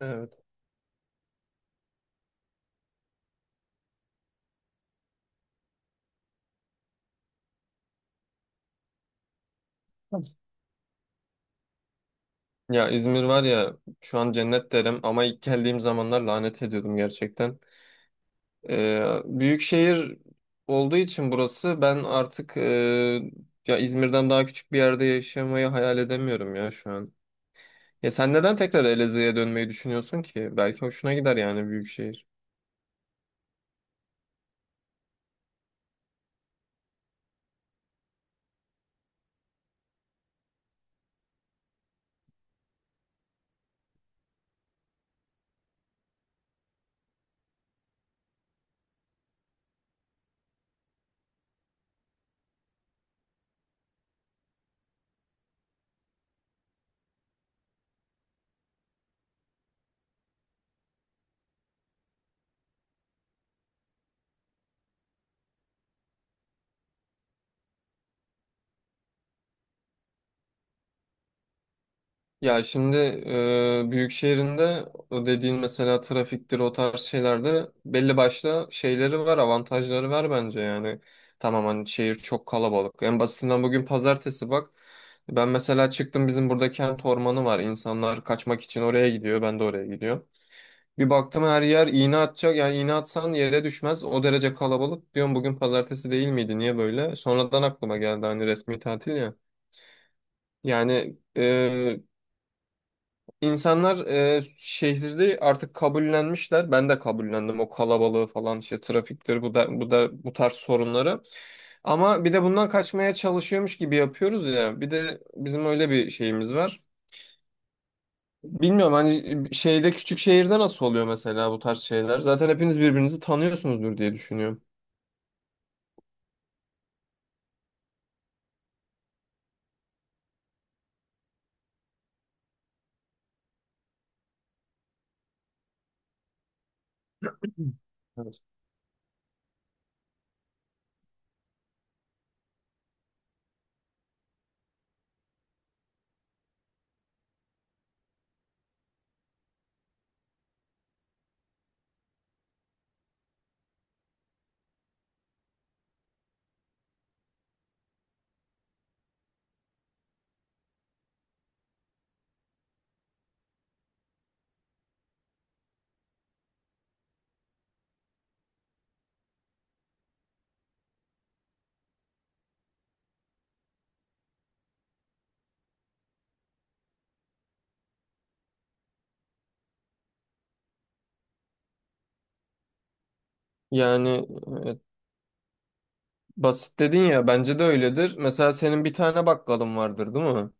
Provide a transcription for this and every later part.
Evet. Ya İzmir var ya şu an cennet derim ama ilk geldiğim zamanlar lanet ediyordum gerçekten. Büyük şehir olduğu için burası ben artık ya İzmir'den daha küçük bir yerde yaşamayı hayal edemiyorum ya şu an. Ya sen neden tekrar Elazığ'a dönmeyi düşünüyorsun ki? Belki hoşuna gider yani büyük şehir. Ya şimdi büyük şehrinde o dediğin mesela trafiktir o tarz şeylerde belli başlı şeyleri var avantajları var bence yani. Tamam hani şehir çok kalabalık. En basitinden bugün pazartesi bak. Ben mesela çıktım bizim burada kent ormanı var. İnsanlar kaçmak için oraya gidiyor ben de oraya gidiyorum. Bir baktım her yer iğne atacak yani iğne atsan yere düşmez o derece kalabalık. Diyorum bugün pazartesi değil miydi niye böyle? Sonradan aklıma geldi hani resmi tatil ya. Yani İnsanlar e, şehirde artık kabullenmişler. Ben de kabullendim o kalabalığı falan işte trafiktir bu da bu tarz sorunları. Ama bir de bundan kaçmaya çalışıyormuş gibi yapıyoruz ya. Bir de bizim öyle bir şeyimiz var. Bilmiyorum hani şeyde küçük şehirde nasıl oluyor mesela bu tarz şeyler? Zaten hepiniz birbirinizi tanıyorsunuzdur diye düşünüyorum. Evet. Yani e, basit dedin ya bence de öyledir. Mesela senin bir tane bakkalın vardır değil mi?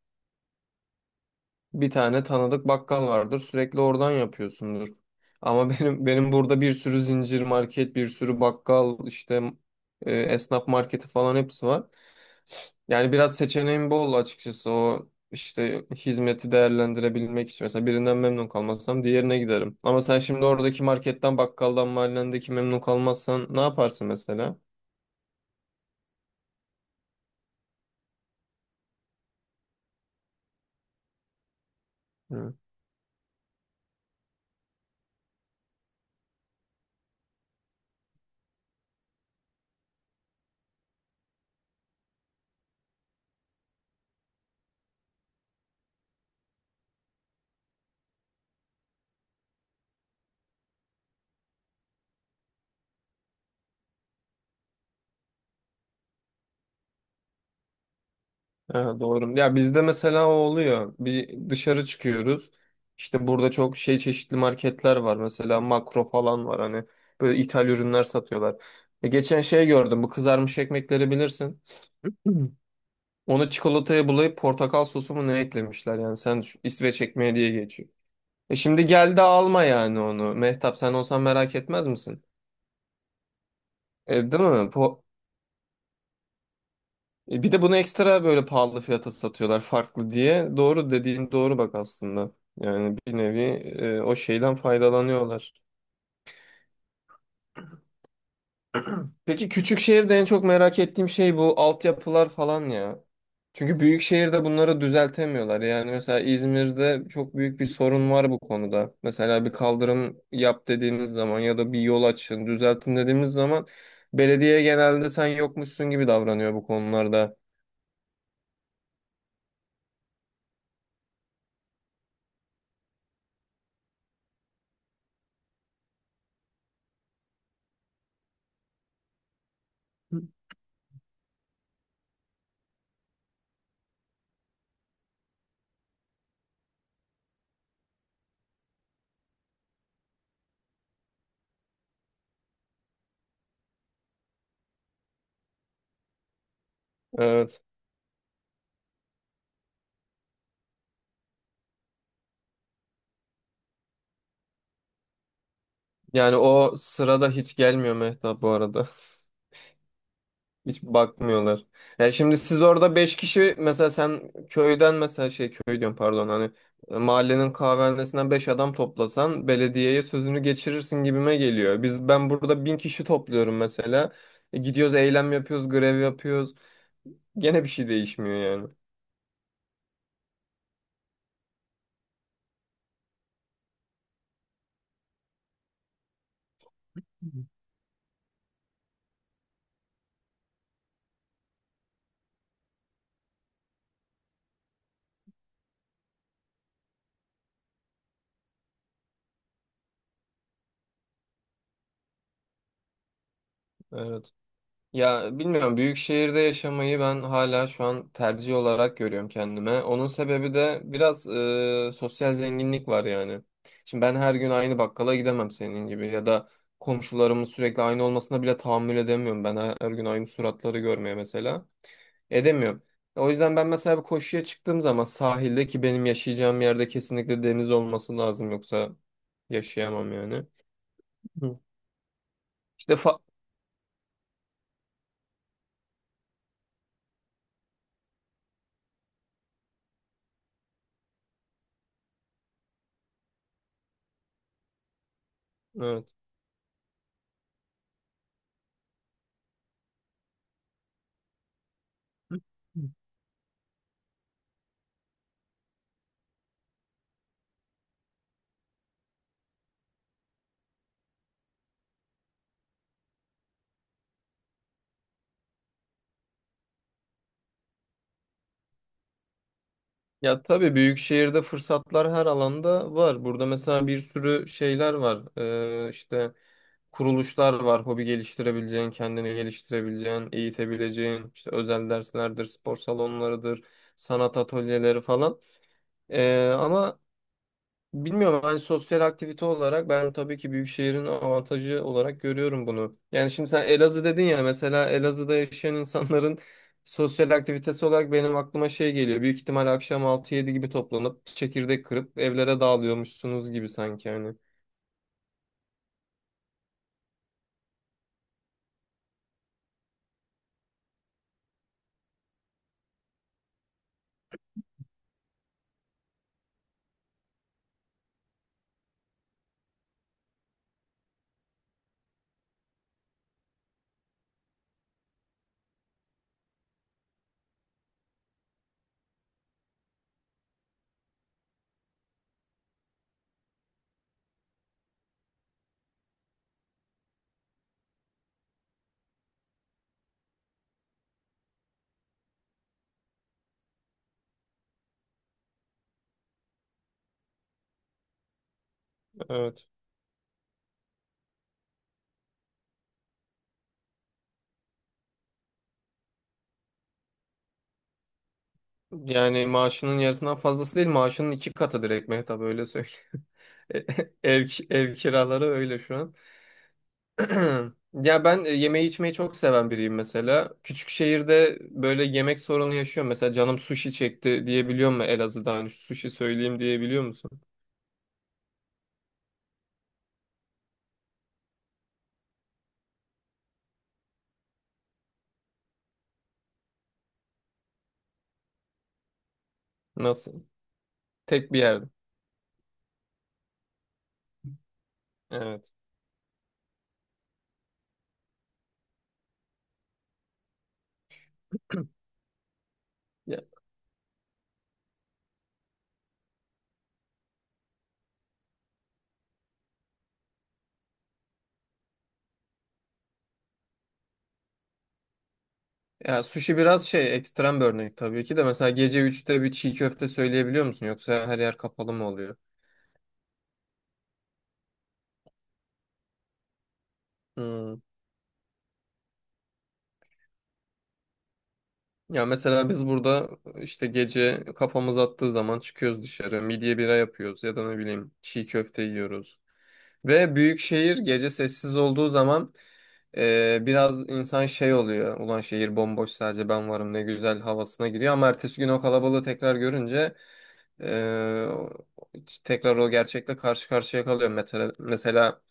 Bir tane tanıdık bakkal vardır. Sürekli oradan yapıyorsundur. Ama benim burada bir sürü zincir market, bir sürü bakkal, işte esnaf marketi falan hepsi var. Yani biraz seçeneğim bol açıkçası. O işte hizmeti değerlendirebilmek için. Mesela birinden memnun kalmazsam diğerine giderim. Ama sen şimdi oradaki marketten, bakkaldan, mahallendeki memnun kalmazsan ne yaparsın mesela? Ha, doğru. Ya bizde mesela o oluyor. Bir dışarı çıkıyoruz. İşte burada çok şey çeşitli marketler var. Mesela Makro falan var. Hani böyle ithal ürünler satıyorlar. Geçen şey gördüm. Bu kızarmış ekmekleri bilirsin. Hı. Onu çikolataya bulayıp portakal sosu mu ne eklemişler yani. Sen düşün, İsveç ekmeği diye geçiyor. Şimdi gel de alma yani onu. Mehtap sen olsan merak etmez misin? Değil mi? Bir de bunu ekstra böyle pahalı fiyata satıyorlar farklı diye. Doğru dediğin doğru bak aslında. Yani bir nevi o şeyden faydalanıyorlar. Peki küçük şehirde en çok merak ettiğim şey bu altyapılar falan ya. Çünkü büyük şehirde bunları düzeltemiyorlar. Yani mesela İzmir'de çok büyük bir sorun var bu konuda. Mesela bir kaldırım yap dediğiniz zaman ya da bir yol açın, düzeltin dediğimiz zaman belediye genelde sen yokmuşsun gibi davranıyor bu konularda. Evet. Yani o sırada hiç gelmiyor Mehtap bu arada. Hiç bakmıyorlar. Yani şimdi siz orada 5 kişi mesela sen köyden mesela şey köy diyorum pardon hani mahallenin kahvehanesinden 5 adam toplasan belediyeye sözünü geçirirsin gibime geliyor. Biz ben burada 1000 kişi topluyorum mesela. Gidiyoruz eylem yapıyoruz, grev yapıyoruz. Gene bir şey değişmiyor yani. Evet. Ya bilmiyorum büyük şehirde yaşamayı ben hala şu an tercih olarak görüyorum kendime. Onun sebebi de biraz sosyal zenginlik var yani. Şimdi ben her gün aynı bakkala gidemem senin gibi ya da komşularımın sürekli aynı olmasına bile tahammül edemiyorum. Ben her gün aynı suratları görmeye mesela edemiyorum. O yüzden ben mesela bir koşuya çıktığım zaman sahilde ki benim yaşayacağım yerde kesinlikle deniz olması lazım yoksa yaşayamam yani. Hı. İşte evet. Ya tabii büyük şehirde fırsatlar her alanda var. Burada mesela bir sürü şeyler var. İşte kuruluşlar var. Hobi geliştirebileceğin, kendini geliştirebileceğin, eğitebileceğin. İşte özel derslerdir, spor salonlarıdır, sanat atölyeleri falan. Ama bilmiyorum hani sosyal aktivite olarak ben tabii ki büyük şehrin avantajı olarak görüyorum bunu. Yani şimdi sen Elazığ dedin ya mesela Elazığ'da yaşayan insanların sosyal aktivitesi olarak benim aklıma şey geliyor. Büyük ihtimal akşam altı yedi gibi toplanıp çekirdek kırıp evlere dağılıyormuşsunuz gibi sanki hani. Evet. Yani maaşının yarısından fazlası değil maaşının iki katı direkt Mehtap öyle söyleyeyim. Ev kiraları öyle şu an. Ya ben yemeği içmeyi çok seven biriyim mesela. Küçük şehirde böyle yemek sorunu yaşıyorum. Mesela canım sushi çekti diyebiliyor mu Elazığ'da hani şu sushi söyleyeyim diyebiliyor musun? Nasıl? Tek bir yerde. Evet. Ya, ya, sushi biraz şey ekstrem bir örnek tabii ki de. Mesela gece üçte bir çiğ köfte söyleyebiliyor musun? Yoksa her yer kapalı mı oluyor? Hmm. Ya mesela biz burada işte gece kafamız attığı zaman çıkıyoruz dışarı. Midye bira yapıyoruz ya da ne bileyim çiğ köfte yiyoruz. Ve büyük şehir gece sessiz olduğu zaman biraz insan şey oluyor. Ulan şehir bomboş sadece ben varım ne güzel havasına giriyor. Ama ertesi gün o kalabalığı tekrar görünce e, tekrar o gerçekle karşı karşıya kalıyor. Mesela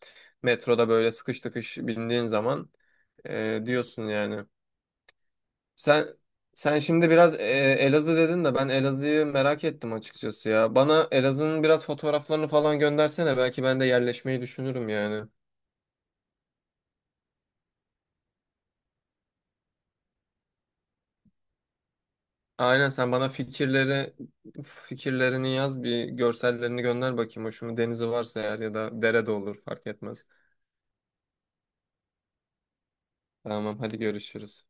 metroda böyle sıkış tıkış bindiğin zaman diyorsun yani. Sen sen şimdi biraz Elazığ dedin de ben Elazığ'ı merak ettim açıkçası ya. Bana Elazığ'ın biraz fotoğraflarını falan göndersene. Belki ben de yerleşmeyi düşünürüm yani. Aynen sen bana fikirlerini yaz bir görsellerini gönder bakayım. Hoşuma denizi varsa eğer ya da dere de olur fark etmez. Tamam hadi görüşürüz.